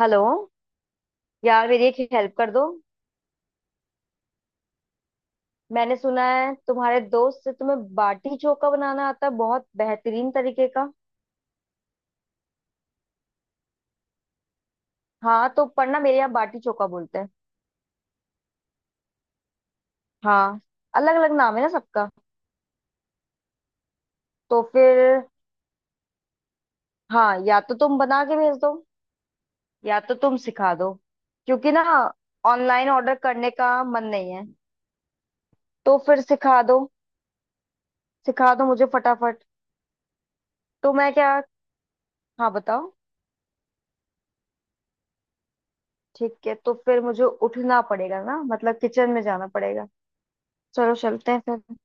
Hello. यार मेरी एक हेल्प कर दो। मैंने सुना है तुम्हारे दोस्त से तुम्हें बाटी चोखा बनाना आता है बहुत बेहतरीन तरीके का। हाँ तो पर ना मेरे यहाँ बाटी चोखा बोलते हैं। हाँ। अलग अलग नाम है ना सबका। तो फिर। हाँ या तो तुम बना के भेज दो या तो तुम सिखा दो क्योंकि ना ऑनलाइन ऑर्डर करने का मन नहीं है। तो फिर सिखा दो। सिखा दो मुझे फटाफट। तो मैं क्या। हाँ बताओ। ठीक है तो फिर मुझे उठना पड़ेगा ना मतलब किचन में जाना पड़ेगा। चलो चलते हैं फिर।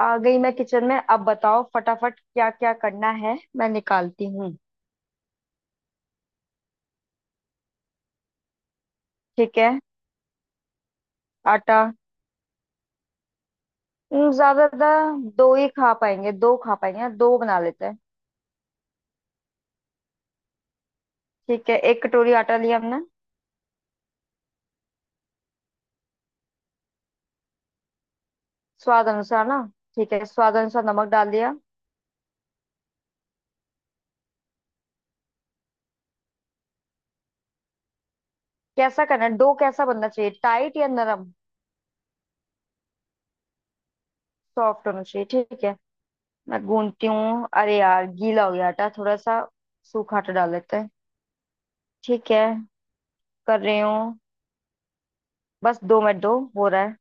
आ गई मैं किचन में, अब बताओ फटाफट क्या क्या करना है मैं निकालती हूँ। ठीक है। आटा। ज्यादा दो ही खा पाएंगे, दो खा पाएंगे, दो बना लेते हैं। ठीक है एक कटोरी आटा लिया हमने। स्वाद अनुसार ना। ठीक है स्वाद अनुसार नमक डाल दिया। कैसा करना है, डो कैसा बनना चाहिए, टाइट या नरम। सॉफ्ट होना चाहिए ठीक है। मैं गूंथती हूँ। अरे यार गीला हो गया आटा थोड़ा सा। सूखा आटा डाल लेते हैं। ठीक है। कर रही हूँ। बस दो मिनट, दो हो रहा है।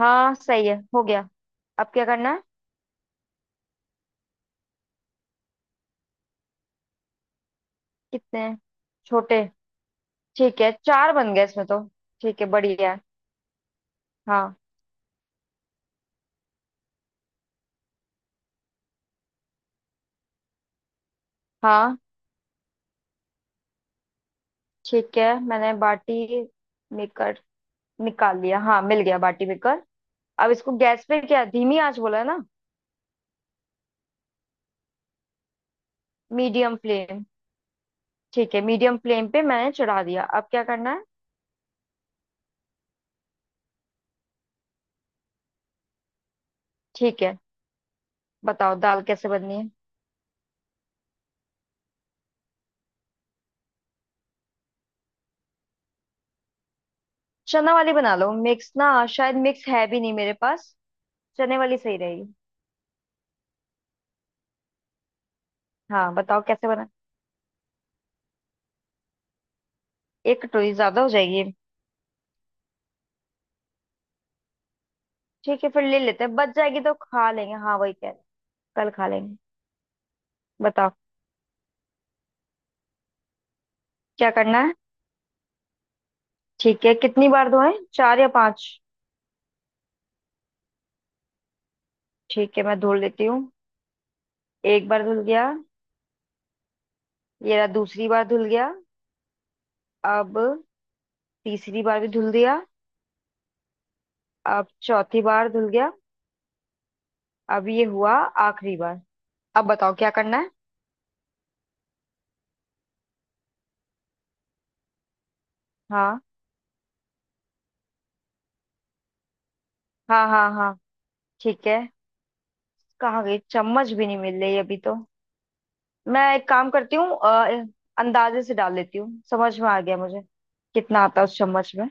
हाँ सही है, हो गया। अब क्या करना है। कितने हैं? छोटे। ठीक है चार बन गए इसमें तो। ठीक है बढ़िया है। हाँ। हाँ ठीक है मैंने बाटी मेकर निकाल लिया। हाँ मिल गया बाटी मेकर। अब इसको गैस पे क्या धीमी आंच बोला है ना। Medium flame. ठीक है मीडियम फ्लेम पे मैंने चढ़ा दिया, अब क्या करना है। ठीक है। बताओ दाल कैसे बननी है। चना वाली बना लो, मिक्स ना शायद मिक्स है भी नहीं मेरे पास। चने वाली सही रहेगी। हाँ बताओ कैसे बना। एक कटोरी ज्यादा हो जाएगी। ठीक है फिर ले लेते हैं, बच जाएगी तो खा लेंगे, हाँ वही कह रहे हैं। कल खा लेंगे। बताओ क्या करना है। ठीक है कितनी बार धोएं, चार या पांच। ठीक है मैं धुल लेती हूँ। एक बार धुल गया। ये रहा दूसरी बार धुल गया। अब तीसरी बार भी धुल दिया। अब चौथी बार धुल गया। अब ये हुआ आखिरी बार। अब बताओ क्या करना है। हाँ हाँ हाँ। हाँ ठीक है। कहाँ गई चम्मच भी नहीं मिल रही अभी तो। मैं एक काम करती हूँ, अंदाजे से डाल लेती हूँ, समझ में आ गया मुझे कितना आता है उस चम्मच में।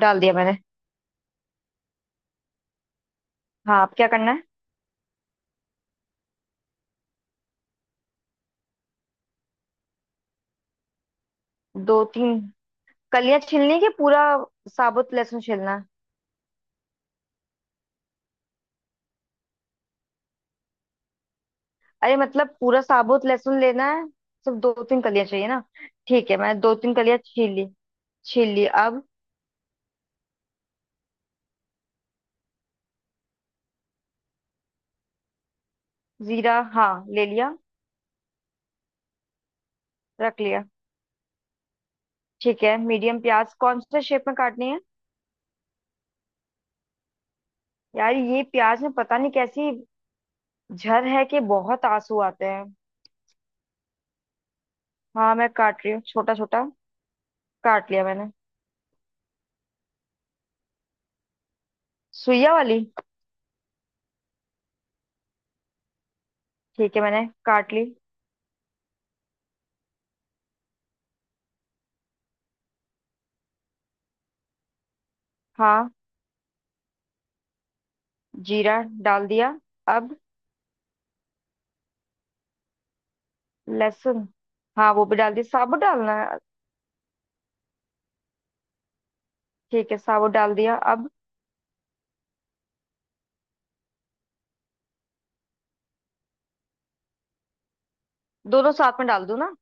डाल दिया मैंने। हाँ अब क्या करना है। दो तीन कलियां छीलनी है कि पूरा साबुत लहसुन छीलना है। अरे मतलब पूरा साबुत लहसुन लेना है। सिर्फ दो तीन कलियां चाहिए ना। ठीक है मैं दो तीन कलियां छील ली। छील ली अब। जीरा हाँ ले लिया। रख लिया। ठीक है मीडियम प्याज कौन से शेप में काटनी है। यार ये प्याज में पता नहीं कैसी झर है कि बहुत आंसू आते हैं। हाँ मैं काट रही हूँ छोटा छोटा। काट लिया मैंने। सुइया वाली। ठीक है मैंने काट ली। हाँ। जीरा डाल दिया। अब लहसुन। हाँ वो भी डाल दिया, साबुत डालना है। ठीक है साबुत डाल दिया अब। दोनों साथ में डाल दूं ना।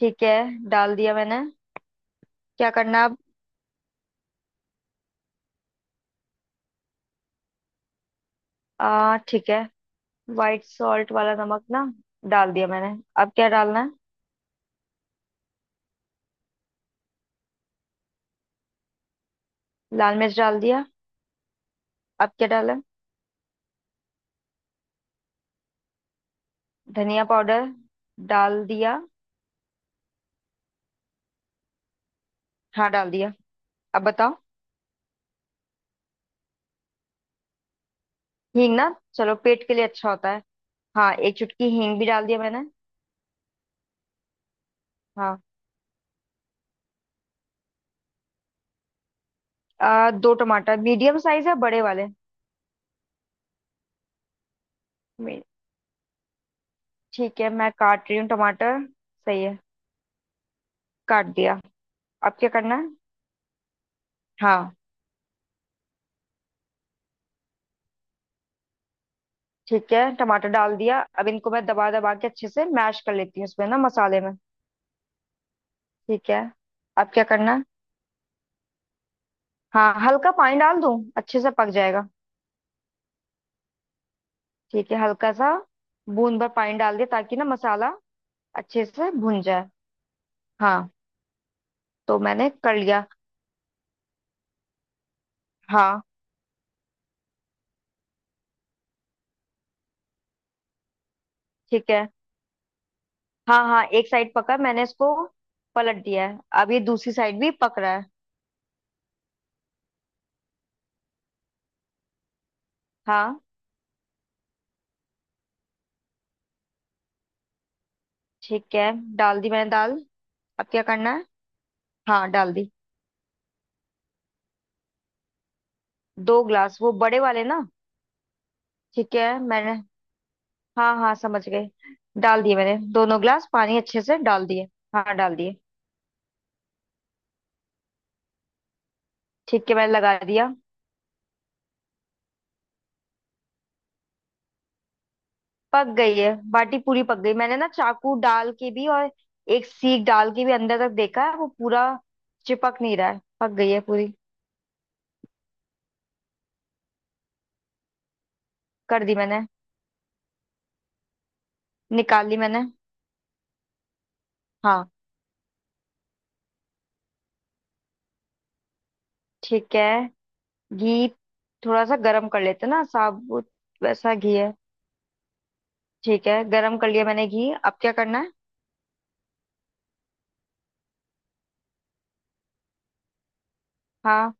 ठीक है डाल दिया मैंने। क्या करना है अब। आ ठीक है, वाइट सॉल्ट वाला नमक ना। डाल दिया मैंने। अब क्या डालना है। लाल मिर्च डाल दिया। अब क्या डाला है? धनिया पाउडर डाल दिया। हाँ डाल दिया। अब बताओ। हींग ना, चलो पेट के लिए अच्छा होता है। हाँ एक चुटकी हींग भी डाल दिया मैंने। हाँ। दो टमाटर मीडियम साइज है बड़े वाले। ठीक है मैं काट रही हूँ टमाटर। सही है। काट दिया। अब क्या करना है। हाँ। ठीक है टमाटर डाल दिया, अब इनको मैं दबा दबा के अच्छे से मैश कर लेती हूँ इसमें ना मसाले में। ठीक है। अब क्या करना है। हाँ हल्का पानी डाल दूँ अच्छे से पक जाएगा। ठीक है हल्का सा, बूंद भर पानी डाल दिया ताकि ना मसाला अच्छे से भुन जाए। हाँ तो मैंने कर लिया। हाँ। ठीक है। हाँ हाँ एक साइड पका मैंने इसको, पलट दिया है अब ये दूसरी साइड भी पक रहा है। हाँ। ठीक है डाल दी मैंने दाल। अब क्या करना है। हाँ डाल दी। दो ग्लास वो बड़े वाले ना। ठीक है मैंने, हाँ हाँ समझ गए। डाल दिए मैंने दोनों ग्लास पानी, अच्छे से डाल दिए। हाँ डाल दिए। ठीक है मैंने लगा दिया। पक गई है बाटी, पूरी पक गई। मैंने ना चाकू डाल के भी और एक सीख डाल के भी अंदर तक देखा है, वो पूरा चिपक नहीं रहा है, पक गई है पूरी। कर दी मैंने। निकाल ली मैंने। हाँ ठीक है। घी थोड़ा सा गरम कर लेते हैं ना, साबुत वैसा घी है। ठीक है गरम कर लिया मैंने घी, अब क्या करना है। हाँ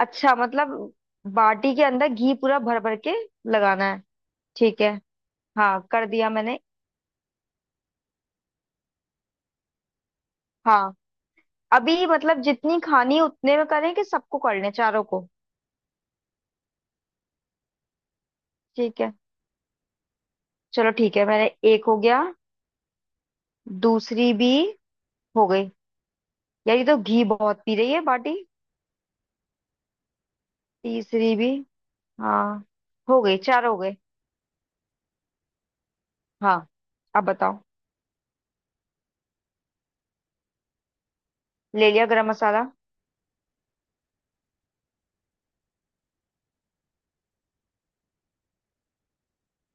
अच्छा मतलब बाटी के अंदर घी पूरा भर भर के लगाना है। ठीक है। हाँ कर दिया मैंने। हाँ अभी मतलब जितनी खानी उतने में करें कि सबको कर लें चारों को। ठीक है चलो ठीक है मैंने। एक हो गया। दूसरी भी हो गई। यार ये तो घी बहुत पी रही है बाटी। तीसरी भी। हाँ हो गई, चार हो गए। हाँ। अब बताओ। ले लिया गरम मसाला।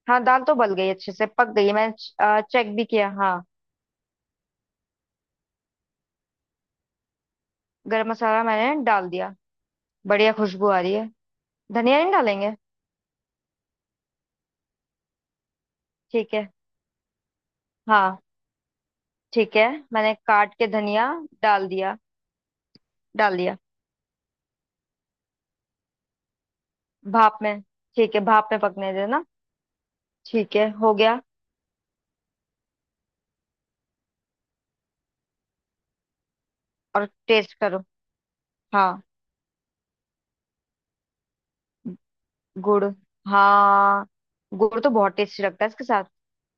हाँ दाल तो गल गई अच्छे से, पक गई है मैंने चेक भी किया। हाँ गरम मसाला मैंने डाल दिया। बढ़िया खुशबू आ रही है। धनिया नहीं डालेंगे। ठीक है। हाँ ठीक है मैंने काट के धनिया डाल दिया। डाल दिया। भाप में, ठीक है भाप में पकने देना। ठीक है हो गया। और टेस्ट करो। हाँ गुड़। हाँ गुड़ तो बहुत टेस्टी लगता है इसके साथ।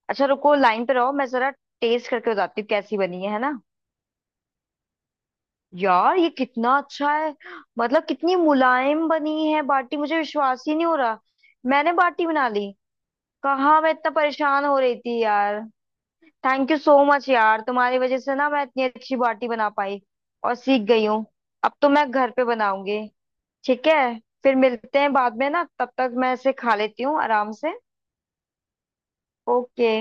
अच्छा रुको लाइन पे रहो मैं जरा टेस्ट करके बताती हूँ कैसी बनी है ना। यार ये कितना अच्छा है, मतलब कितनी मुलायम बनी है बाटी, मुझे विश्वास ही नहीं हो रहा। मैंने बाटी बना ली। कहाँ मैं इतना परेशान हो रही थी यार। थैंक यू सो मच यार, तुम्हारी वजह से ना मैं इतनी अच्छी बाटी बना पाई और सीख गई हूँ। अब तो मैं घर पे बनाऊंगी। ठीक है फिर मिलते हैं बाद में, ना तब तक मैं इसे खा लेती हूँ आराम से। ओके।